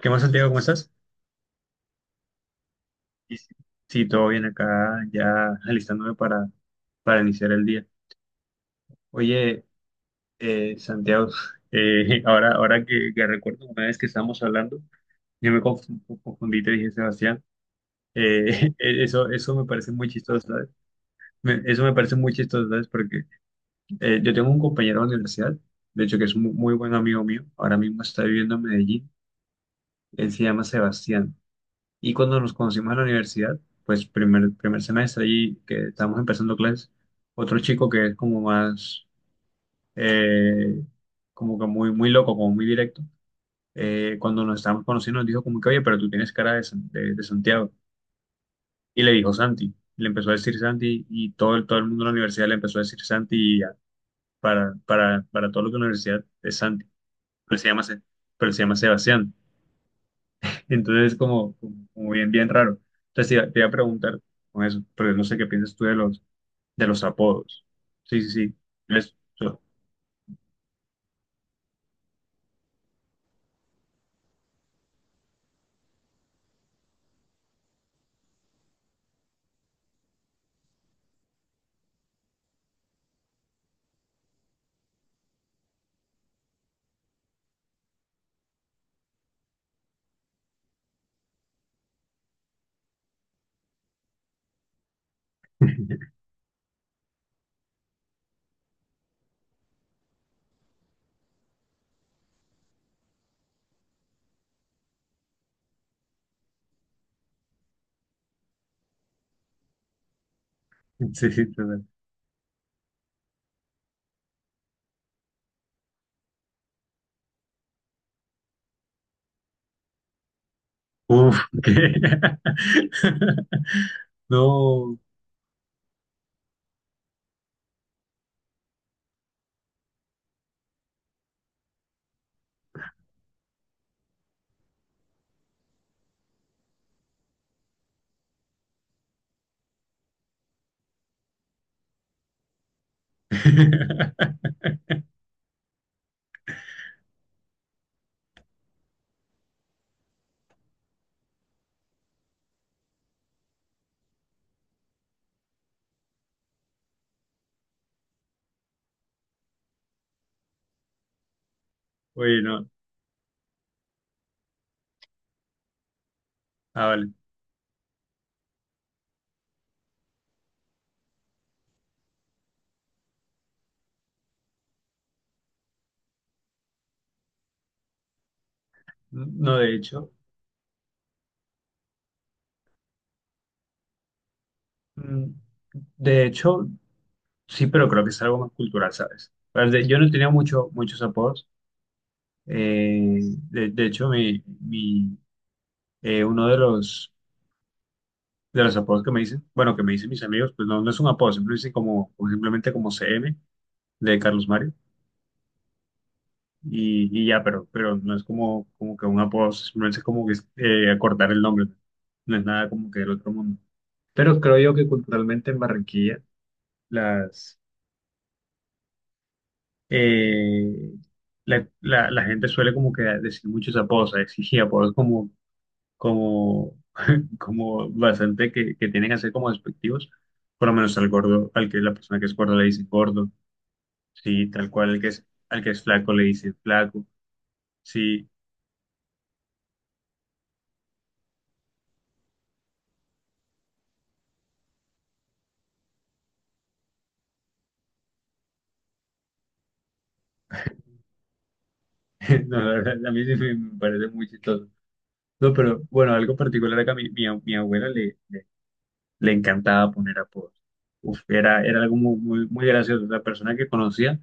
¿Qué más, Santiago? ¿Cómo estás? Sí, sí. Sí, todo bien acá, ya alistándome para iniciar el día. Oye, Santiago, ahora que recuerdo una vez que estábamos hablando, yo me conf- confundí, y te dije, Sebastián, eso me parece muy chistoso, ¿sabes? Eso me parece muy chistoso, ¿sabes? Porque yo tengo un compañero de la universidad, de hecho que es un muy buen amigo mío, ahora mismo está viviendo en Medellín, él se llama Sebastián. Y cuando nos conocimos en la universidad, pues primer semestre allí que estábamos empezando clases, otro chico que es como más, eh, como que muy loco, como muy directo, cuando nos estábamos conociendo nos dijo como que, oye, pero tú tienes cara de, de Santiago. Y le dijo Santi, y le empezó a decir Santi y todo el mundo en la universidad le empezó a decir Santi y ya, para todo lo que la universidad es Santi, pero él se llama, pero él se llama Sebastián. Entonces, como, como bien raro. Entonces, te iba a preguntar con eso, pero no sé qué piensas tú de los apodos. Sí, sí, sí. eso So- Sí, sí, total. Uf, ¿qué? No. Oye, no. Ah, vale. No, de hecho, mm, de hecho, sí, pero creo que es algo más cultural, ¿sabes? Pero de- Yo no tenía mucho, muchos apodos. Eh, de hecho, mi, uno de los apodos que me dicen, bueno, que me dicen mis amigos, pues no, no es un apodo, siempre dicen como, como simplemente como CM de Carlos Mario y ya, pero no es como, como que un apodo, simplemente es como que acortar el nombre, no es nada como que del otro mundo. Pero creo yo que culturalmente en Barranquilla las, eh, la gente suele como que decir muchos apodos, exigir apodos como, como, como bastante que tienen que ser como despectivos. Por lo menos al gordo, al que la persona que es gorda le dicen gordo. Sí, tal cual el que es, al que es flaco le dicen flaco. Sí, no, la verdad, a mí sí me parece muy chistoso. No, pero bueno, algo particular acá, mi abuela le, le encantaba poner apodos. Uf, era, era algo muy gracioso. La persona que conocía,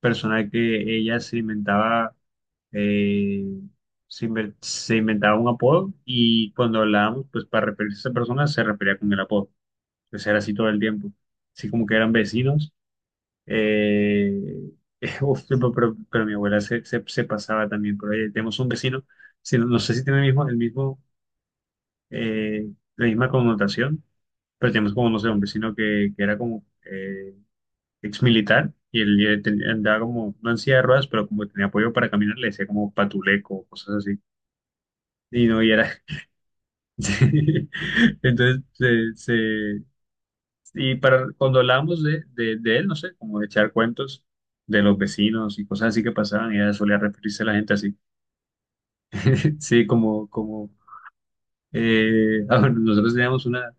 persona que ella se inventaba, eh, se inventaba un apodo y cuando hablábamos, pues para referirse a esa persona, se refería con el apodo. Pues era así todo el tiempo. Así como que eran vecinos. Eh, uf, sí, pero mi abuela se pasaba también por ahí. Tenemos un vecino, si no, no sé si tiene el mismo, eh, la misma connotación, pero tenemos como, no sé, un vecino que era como ex militar y él, andaba como, no en silla de ruedas, pero como tenía apoyo para caminar, le decía como patuleco, cosas así. Y no, y era. Entonces se, Y para cuando hablamos de él, no sé, como de echar cuentos de los vecinos y cosas así que pasaban, ella solía referirse a la gente así. Sí, como, como ah, bueno, nosotros teníamos una,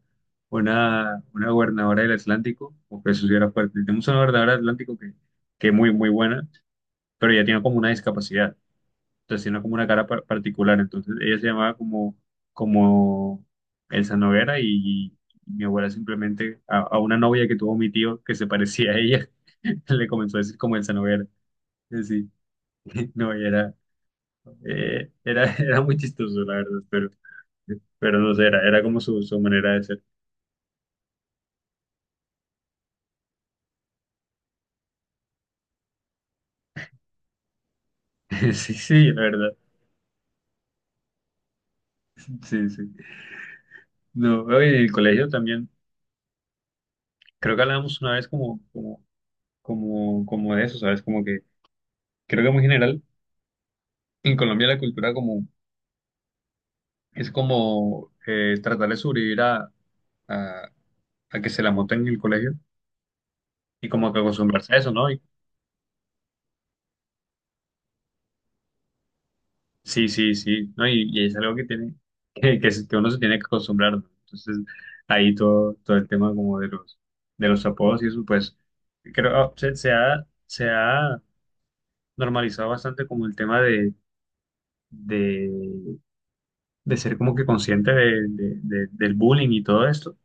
una, una gobernadora del Atlántico, o que eso sí era fuerte. Tenemos una gobernadora del Atlántico que muy buena, pero ella tenía como una discapacidad. Tenía como una cara particular, entonces ella se llamaba como, como Elsa Noguera y mi abuela simplemente a una novia que tuvo mi tío que se parecía a ella, le comenzó a decir como Elsa Noguera. Sí, no, y era, era, era muy chistoso, la verdad, pero no sé, era, era como su manera de ser. Sí, sí, la verdad, sí, sí. No, oye, en el colegio también, creo que hablábamos una vez como de eso, ¿sabes? Como que creo que muy general en Colombia la cultura como es como tratar de sobrevivir a, a que se la monten en el colegio y como que acostumbrarse a eso, ¿no? Y- sí, sí, sí, ¿no? Y es algo que tiene, que uno se tiene que acostumbrar, ¿no? Entonces, ahí todo el tema como de los apodos y eso, pues, creo, ah, se ha normalizado bastante como el tema de, de ser como que consciente del bullying y todo esto,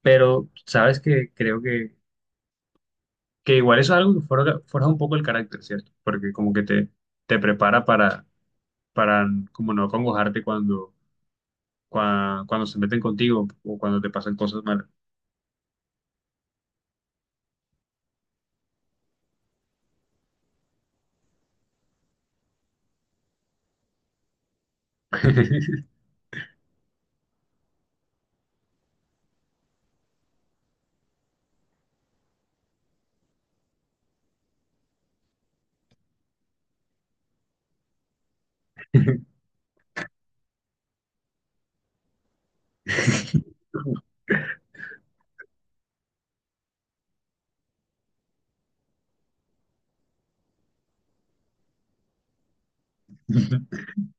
pero sabes que creo que igual eso es algo que forja un poco el carácter, ¿cierto? Porque como que te prepara para como no acongojarte cuando, cuando se meten contigo o cuando te pasan cosas malas.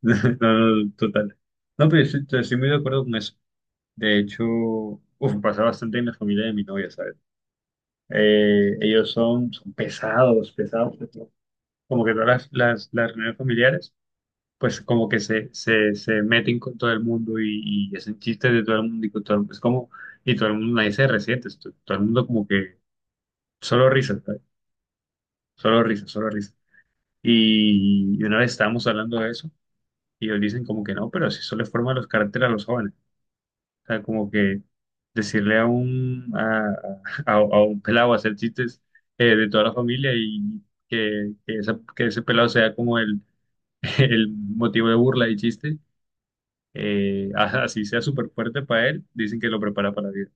No, no, total. No, pero yo estoy, estoy muy de acuerdo con eso. De hecho, uf, pasa bastante en la familia de mi novia, ¿sabes? Ellos son, son pesados, pesados, pesados. Como que todas las reuniones familiares. Pues como que se meten con todo el mundo y hacen chistes de todo el mundo y con todo el mundo. Es como, y todo el mundo, nadie se resiente, es todo el mundo como que solo risas, ¿sabes? Solo risas, solo risas. Y una vez estábamos hablando de eso y ellos dicen como que no, pero si eso le forma los caracteres a los jóvenes. O sea, como que decirle a un pelado hacer chistes de toda la familia y que ese pelado sea como el, el motivo de burla y chiste así sea súper fuerte para él, dicen que lo prepara para la vida.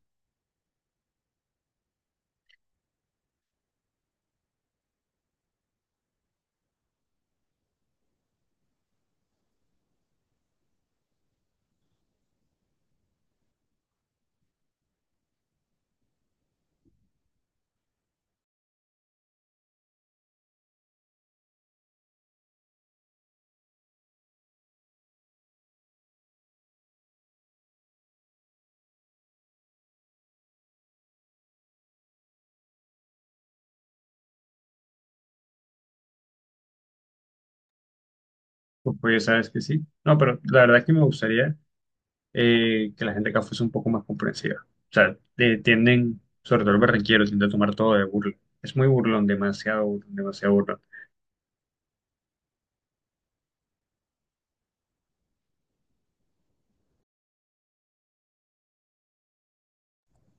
Pues, pues, sabes que sí. No, pero la verdad es que me gustaría que la gente acá fuese un poco más comprensiva. O sea, de- tienden, sobre todo el barranquero, tiende a tomar todo de burla. Es muy burlón, demasiado burlón, demasiado burlón.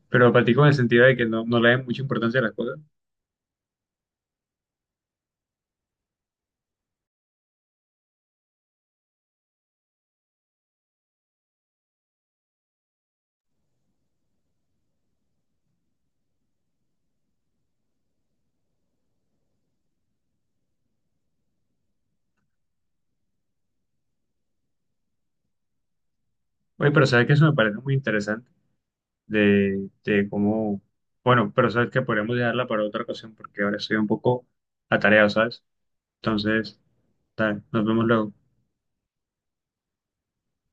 Pero platico en el sentido de que no, no le dan mucha importancia a las cosas. Oye, pero sabes que eso me parece muy interesante de cómo... Bueno, pero sabes que podríamos dejarla para otra ocasión porque ahora estoy un poco atareado, ¿sabes? Entonces, tal, nos vemos luego.